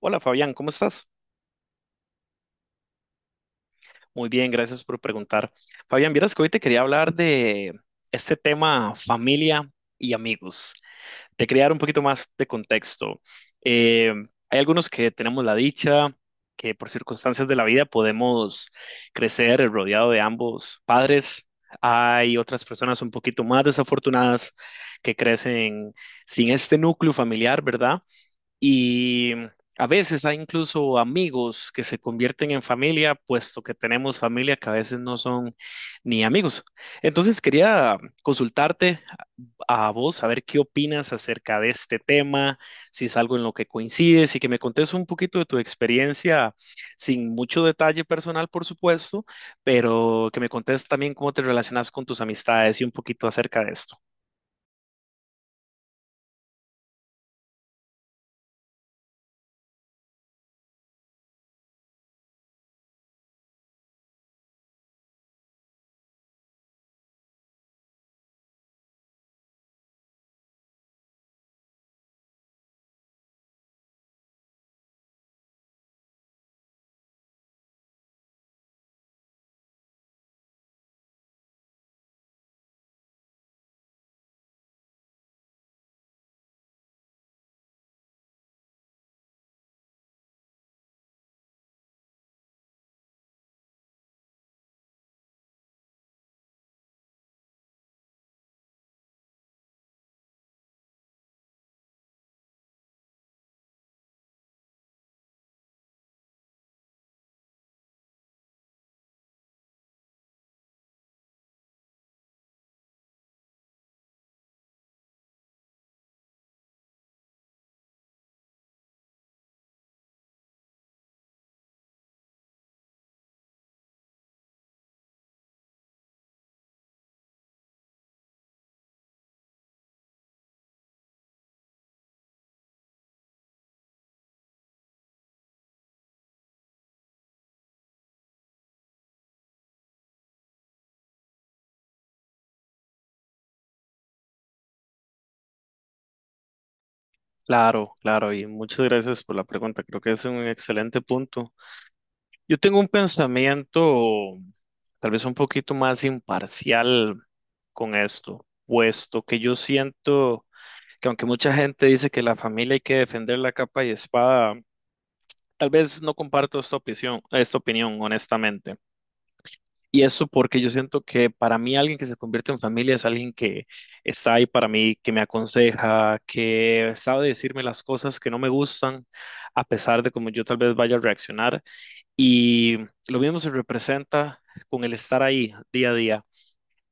Hola Fabián, ¿cómo estás? Muy bien, gracias por preguntar. Fabián, vieras que hoy te quería hablar de este tema familia y amigos. Te quería dar un poquito más de contexto. Eh, Hay algunos que tenemos la dicha que por circunstancias de la vida podemos crecer rodeado de ambos padres. Hay otras personas un poquito más desafortunadas que crecen sin este núcleo familiar, ¿verdad? Y mm, a veces hay incluso amigos que se convierten en familia, puesto que tenemos familia que a veces no son ni amigos. Entonces quería consultarte a vos, a ver qué opinas acerca de este tema, si es algo en lo que coincides y que me contes un poquito de tu experiencia, sin mucho detalle personal, por supuesto, pero que me contes también cómo te relacionas con tus amistades y un poquito acerca de esto. Claro, claro, y muchas gracias por la pregunta. Creo que es un excelente punto. Yo tengo un pensamiento tal vez un poquito más imparcial con esto, puesto que yo siento que aunque mucha gente dice que la familia hay que defender la capa y espada, tal vez no comparto esta opinión, honestamente. Y eso porque yo siento que para mí alguien que se convierte en familia es alguien que está ahí para mí, que me aconseja, que sabe decirme las cosas que no me gustan, a pesar de cómo yo tal vez vaya a reaccionar. Y lo mismo se representa con el estar ahí día a día.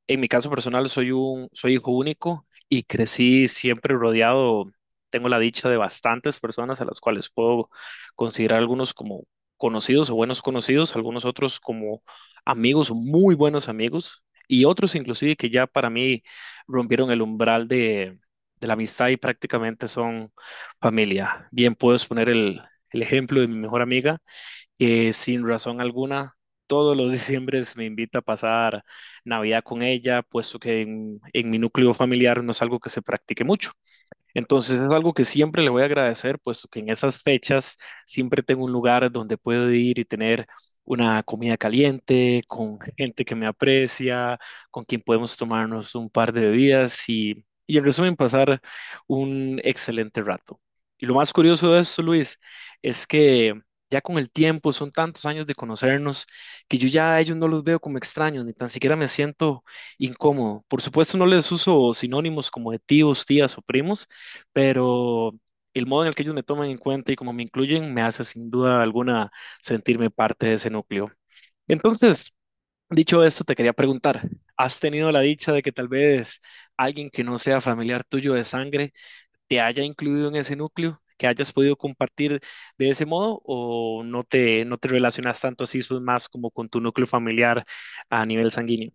En mi caso personal, soy hijo único y crecí siempre rodeado, tengo la dicha de bastantes personas a las cuales puedo considerar algunos como conocidos o buenos conocidos, algunos otros como amigos, o muy buenos amigos, y otros inclusive que ya para mí rompieron el umbral de la amistad y prácticamente son familia. Bien, puedo exponer el ejemplo de mi mejor amiga que sin razón alguna todos los diciembres me invita a pasar Navidad con ella, puesto que en mi núcleo familiar no es algo que se practique mucho. Entonces es algo que siempre le voy a agradecer, puesto que en esas fechas siempre tengo un lugar donde puedo ir y tener una comida caliente, con gente que me aprecia, con quien podemos tomarnos un par de bebidas y en resumen pasar un excelente rato. Y lo más curioso de esto, Luis, es que ya con el tiempo, son tantos años de conocernos, que yo ya a ellos no los veo como extraños, ni tan siquiera me siento incómodo. Por supuesto, no les uso sinónimos como de tíos, tías o primos, pero el modo en el que ellos me toman en cuenta y cómo me incluyen me hace sin duda alguna sentirme parte de ese núcleo. Entonces, dicho esto, te quería preguntar, ¿has tenido la dicha de que tal vez alguien que no sea familiar tuyo de sangre te haya incluido en ese núcleo? ¿Que hayas podido compartir de ese modo o no te relacionas tanto así, sos más como con tu núcleo familiar a nivel sanguíneo?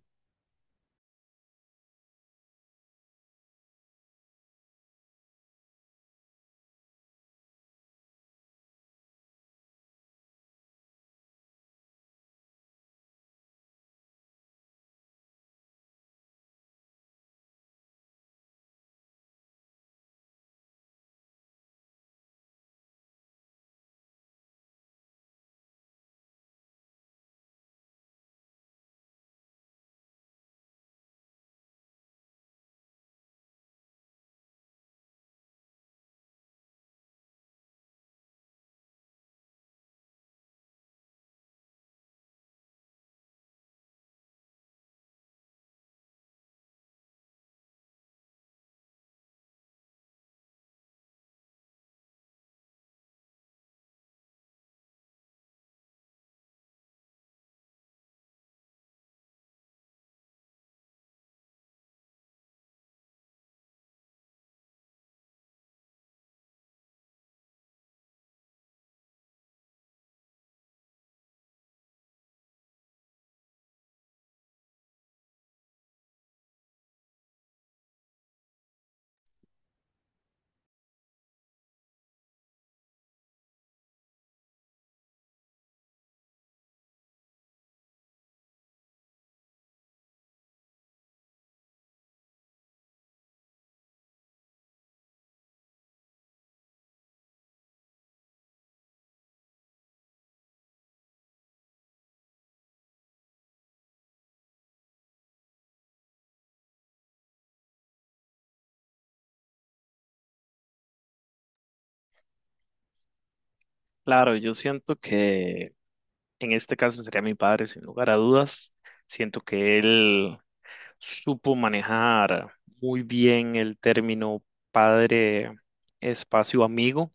Claro, yo siento que en este caso sería mi padre, sin lugar a dudas. Siento que él supo manejar muy bien el término padre, espacio, amigo.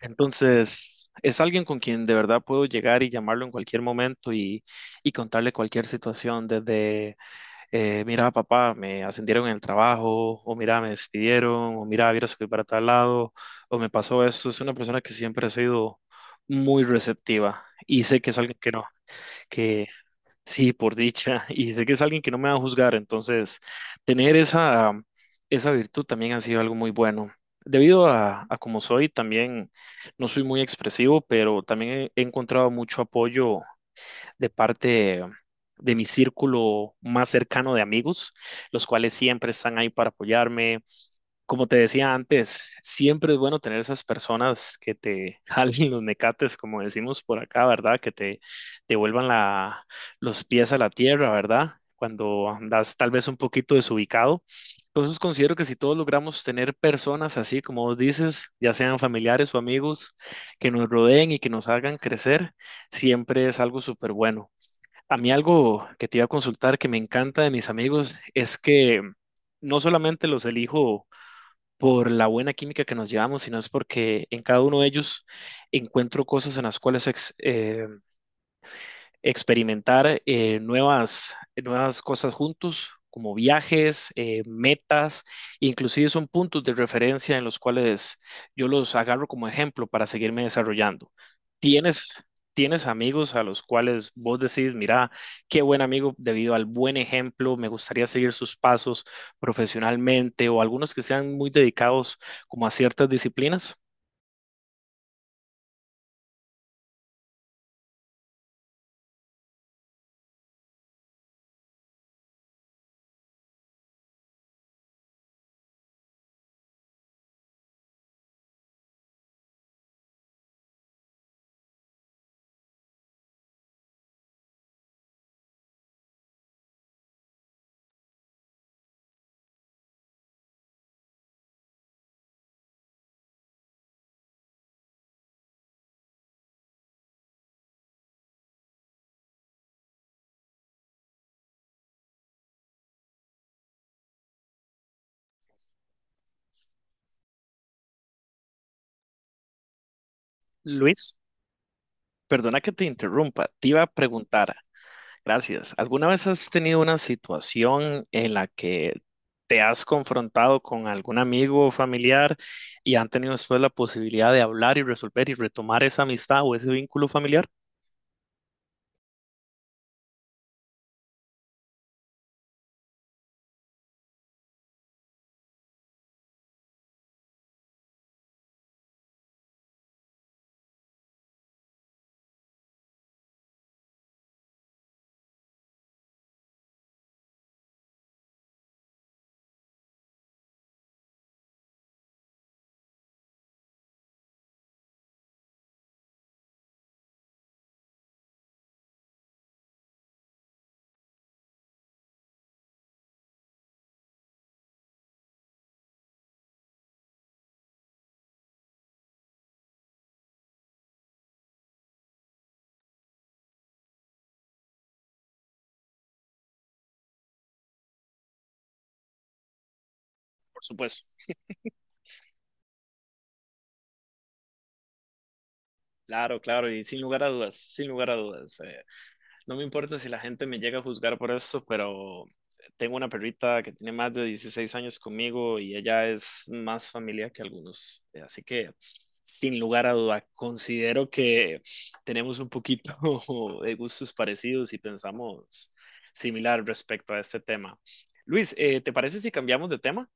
Entonces, es alguien con quien de verdad puedo llegar y llamarlo en cualquier momento y contarle cualquier situación, desde, mira, papá, me ascendieron en el trabajo, o mira, me despidieron, o mira, vieras que voy para tal lado, o me pasó esto. Es una persona que siempre ha sido muy receptiva y sé que es alguien que no... Sí, por dicha. Y sé que es alguien que no me va a juzgar, entonces tener esa virtud también ha sido algo muy bueno. Debido a cómo soy, también no soy muy expresivo, pero también he encontrado mucho apoyo de parte de mi círculo más cercano de amigos, los cuales siempre están ahí para apoyarme, como te decía antes, siempre es bueno tener esas personas que te jalen los mecates, como decimos por acá, ¿verdad? Que te vuelvan la, los pies a la tierra, ¿verdad? Cuando andas tal vez un poquito desubicado. Entonces considero que si todos logramos tener personas así, como vos dices, ya sean familiares o amigos, que nos rodeen y que nos hagan crecer, siempre es algo súper bueno. A mí algo que te iba a consultar que me encanta de mis amigos es que no solamente los elijo por la buena química que nos llevamos, sino es porque en cada uno de ellos encuentro cosas en las cuales experimentar nuevas cosas juntos, como viajes, metas, inclusive son puntos de referencia en los cuales yo los agarro como ejemplo para seguirme desarrollando. ¿Tienes, tienes amigos a los cuales vos decís, mira, qué buen amigo debido al buen ejemplo, me gustaría seguir sus pasos profesionalmente o algunos que sean muy dedicados como a ciertas disciplinas? Luis, perdona que te interrumpa, te iba a preguntar. Gracias. ¿Alguna vez has tenido una situación en la que te has confrontado con algún amigo o familiar y han tenido después la posibilidad de hablar y resolver y retomar esa amistad o ese vínculo familiar? Por supuesto. Claro, claro, y sin lugar a dudas, sin lugar a dudas. No me importa si la gente me llega a juzgar por esto, pero tengo una perrita que tiene más de 16 años conmigo y ella es más familia que algunos. Así que, sin lugar a duda, considero que tenemos un poquito de gustos parecidos y pensamos similar respecto a este tema. Luis, ¿te parece si cambiamos de tema?